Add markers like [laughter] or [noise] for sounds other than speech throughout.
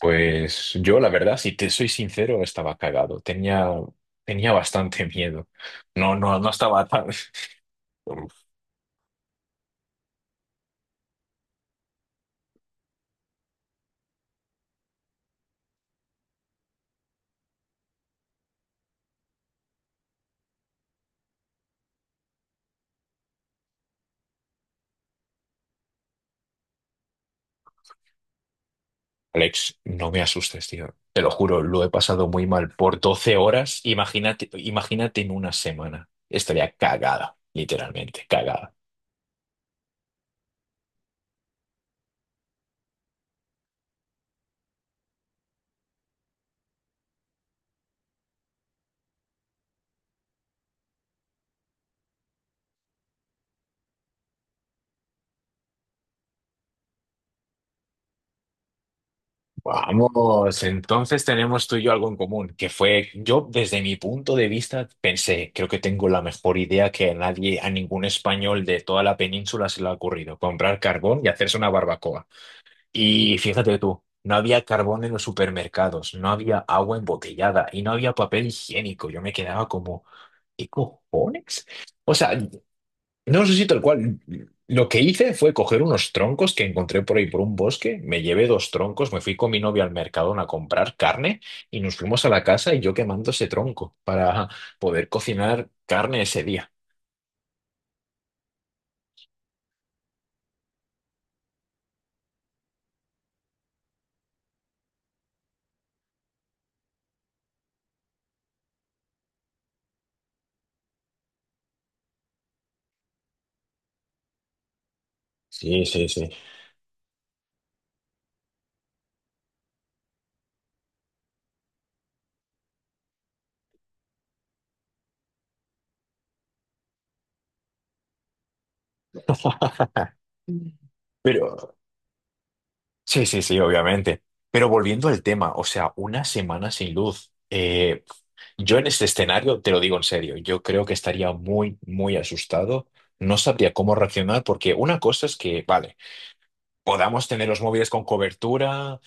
Pues yo, la verdad, si te soy sincero, estaba cagado. Tenía bastante [laughs] miedo. No, no, no estaba tan. [laughs] Uf, Alex, no me asustes, tío. Te lo juro, lo he pasado muy mal por 12 horas. Imagínate en una semana. Estaría cagada, literalmente, cagada. Vamos, entonces tenemos tú y yo algo en común, que fue, yo desde mi punto de vista pensé, creo que tengo la mejor idea que a nadie, a ningún español de toda la península se le ha ocurrido, comprar carbón y hacerse una barbacoa. Y fíjate tú, no había carbón en los supermercados, no había agua embotellada y no había papel higiénico. Yo me quedaba como, ¿qué cojones? O sea, no sé si tal cual. Lo que hice fue coger unos troncos que encontré por ahí por un bosque, me llevé dos troncos, me fui con mi novia al mercado a comprar carne y nos fuimos a la casa y yo quemando ese tronco para poder cocinar carne ese día. Sí, sí, sí. [laughs] Pero sí, sí, sí, obviamente. Pero volviendo al tema, o sea, una semana sin luz. Yo en este escenario, te lo digo en serio, yo creo que estaría muy, muy asustado. No sabría cómo reaccionar porque una cosa es que, vale, podamos tener los móviles con cobertura,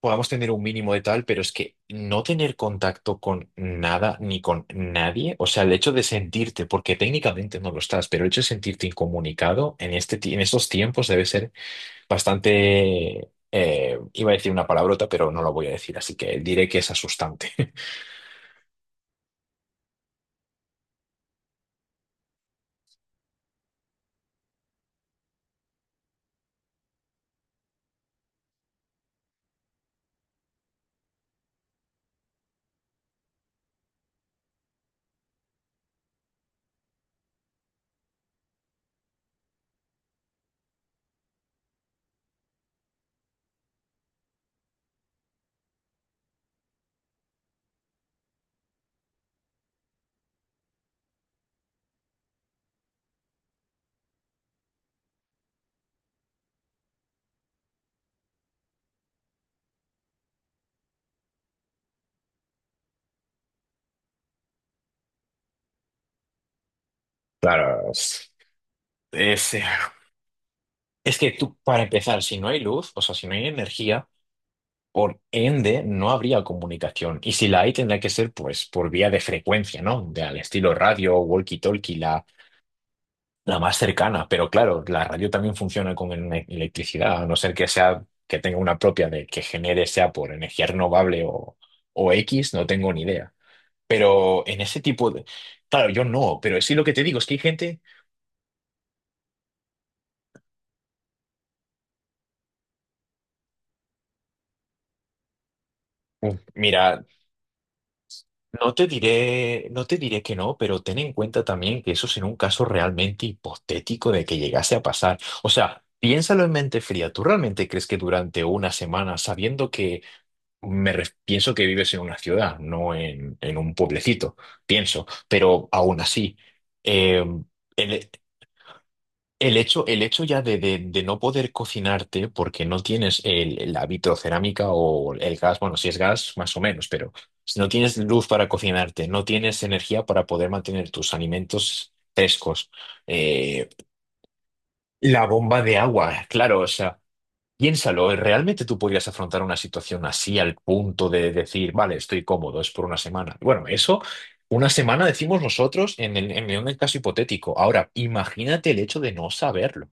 podamos tener un mínimo de tal, pero es que no tener contacto con nada ni con nadie, o sea, el hecho de sentirte, porque técnicamente no lo estás, pero el hecho de sentirte incomunicado en este, en estos tiempos debe ser bastante, iba a decir una palabrota, pero no la voy a decir, así que diré que es asustante. [laughs] Claro, es, eh, es que tú, para empezar, si no hay luz, o sea, si no hay energía, por ende, no habría comunicación. Y si la hay, tendría que ser pues por vía de frecuencia, ¿no? De, al estilo radio, walkie-talkie, la más cercana. Pero claro, la radio también funciona con ele- electricidad, a no ser que sea, que tenga una propia de que genere, sea por energía renovable o X, no tengo ni idea. Pero en ese tipo de... Claro, yo no, pero sí lo que te digo es que hay gente... Uf, mira, No te diré que no, pero ten en cuenta también que eso es en un caso realmente hipotético de que llegase a pasar. O sea, piénsalo en mente fría. ¿Tú realmente crees que durante una semana, sabiendo que pienso que vives en una ciudad, no en, en un pueblecito, pienso, pero aún así, eh, el- el hecho ya de no poder cocinarte porque no tienes el, la vitrocerámica o el gas, bueno, si es gas, más o menos, pero si no tienes luz para cocinarte, no tienes energía para poder mantener tus alimentos frescos, eh, la bomba de agua, claro, o sea, piénsalo, ¿realmente tú podrías afrontar una situación así al punto de decir, vale, estoy cómodo, es por una semana? Bueno, eso... Una semana decimos nosotros en el caso hipotético. Ahora, imagínate el hecho de no saberlo.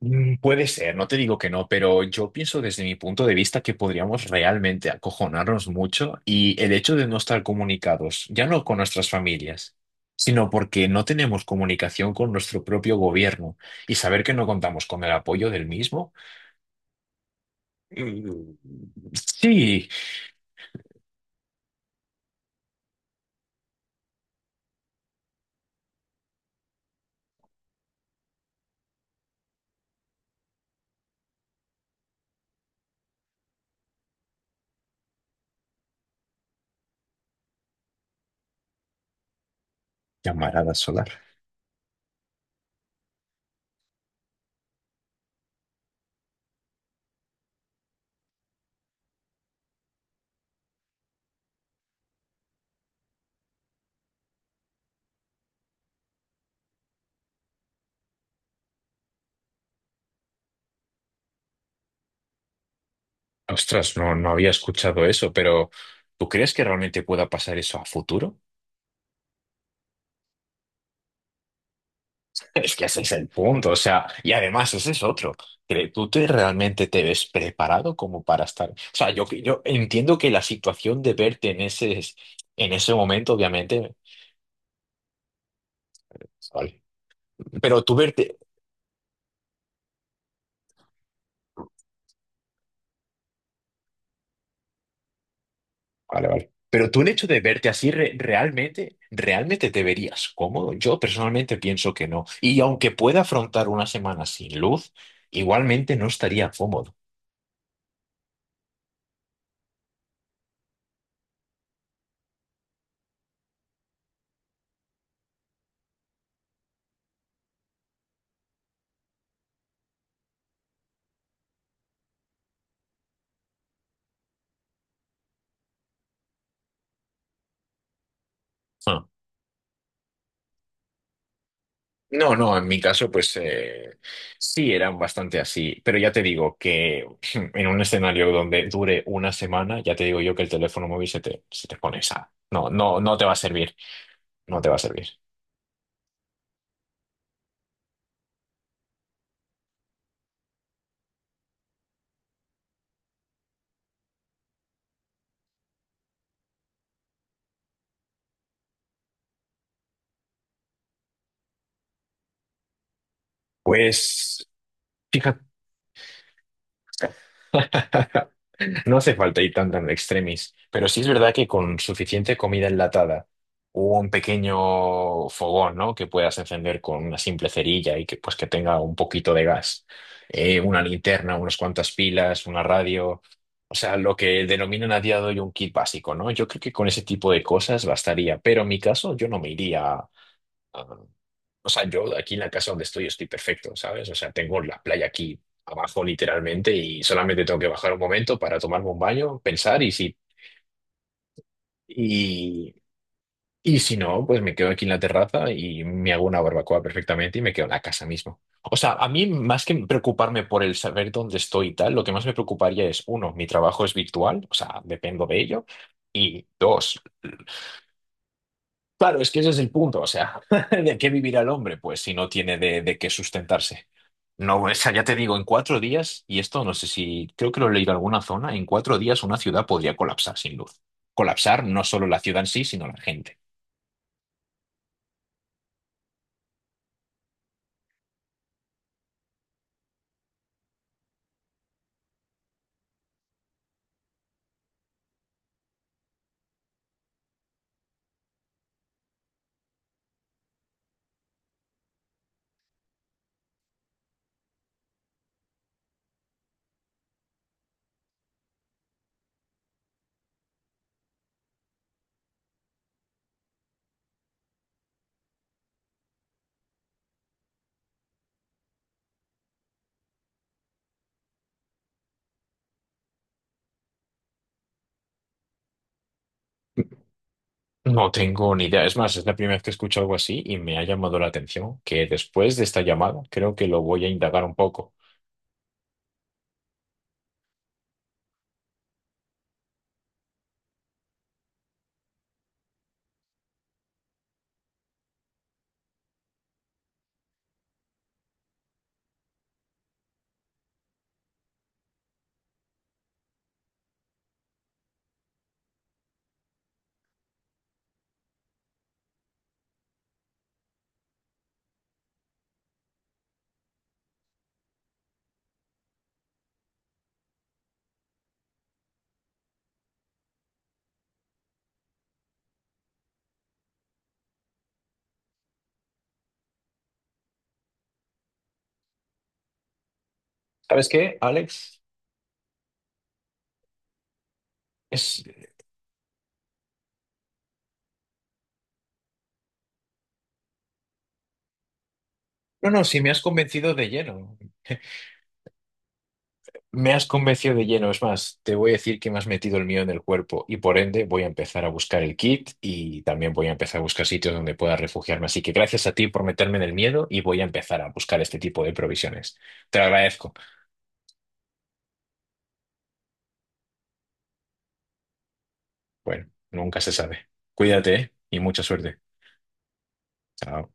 Puede ser, no te digo que no, pero yo pienso desde mi punto de vista que podríamos realmente acojonarnos mucho y el hecho de no estar comunicados, ya no con nuestras familias, sino porque no tenemos comunicación con nuestro propio gobierno y saber que no contamos con el apoyo del mismo. Mm, sí, llamarada solar. Ostras, no, no había escuchado eso, pero ¿tú crees que realmente pueda pasar eso a futuro? Es que ese es el punto, o sea, y además ese es otro. Que realmente te ves preparado como para estar? O sea, yo entiendo que la situación de verte en ese momento, obviamente, vale. Pero tú verte, vale, vale. Pero tú el hecho de verte así realmente te verías cómodo. Yo personalmente pienso que no. Y aunque pueda afrontar una semana sin luz, igualmente no estaría cómodo. Ah. No, no, en mi caso, pues sí, eran bastante así, pero ya te digo que [clears throat] [laughs] en un escenario donde dure una semana, ya te digo yo que el teléfono móvil se te pone esa. No, no, no te va a servir, no te va a servir. Pues, fíjate. [laughs] No hace falta ir tan tan extremis, pero sí es verdad que con suficiente comida enlatada o un pequeño fogón, ¿no? Que puedas encender con una simple cerilla y que pues que tenga un poquito de gas, una linterna, unas cuantas pilas, una radio, o sea, lo que denominan a día de hoy un kit básico, ¿no? Yo creo que con ese tipo de cosas bastaría, pero en mi caso yo no me iría. Ah, o sea, yo aquí en la casa donde estoy estoy perfecto, ¿sabes? O sea, tengo la playa aquí abajo literalmente y solamente tengo que bajar un momento para tomarme un baño, pensar y, y si no, pues me quedo aquí en la terraza y me hago una barbacoa perfectamente y me quedo en la casa mismo. O sea, a mí más que preocuparme por el saber dónde estoy y tal, lo que más me preocuparía es, uno, mi trabajo es virtual, o sea, dependo de ello, y dos, claro, es que ese es el punto, o sea, [laughs] ¿de qué vivirá el hombre? Pues si no tiene de qué sustentarse. No, o sea, ya te digo, en 4 días, y esto no sé si, creo que lo he leído en alguna zona, en 4 días una ciudad podría colapsar sin luz. Colapsar no solo la ciudad en sí, sino la gente. No tengo ni idea. Es más, es la primera vez que escucho algo así y me ha llamado la atención que después de esta llamada creo que lo voy a indagar un poco. ¿Sabes qué, Alex? Es... No, no, si me has convencido de lleno. Me has convencido de lleno, es más, te voy a decir que me has metido el mío en el cuerpo y por ende voy a empezar a buscar el kit y también voy a empezar a buscar sitios donde pueda refugiarme. Así que gracias a ti por meterme en el miedo y voy a empezar a buscar este tipo de provisiones. Te lo agradezco. Bueno, nunca se sabe. Cuídate, ¿eh? Y mucha suerte. Chao.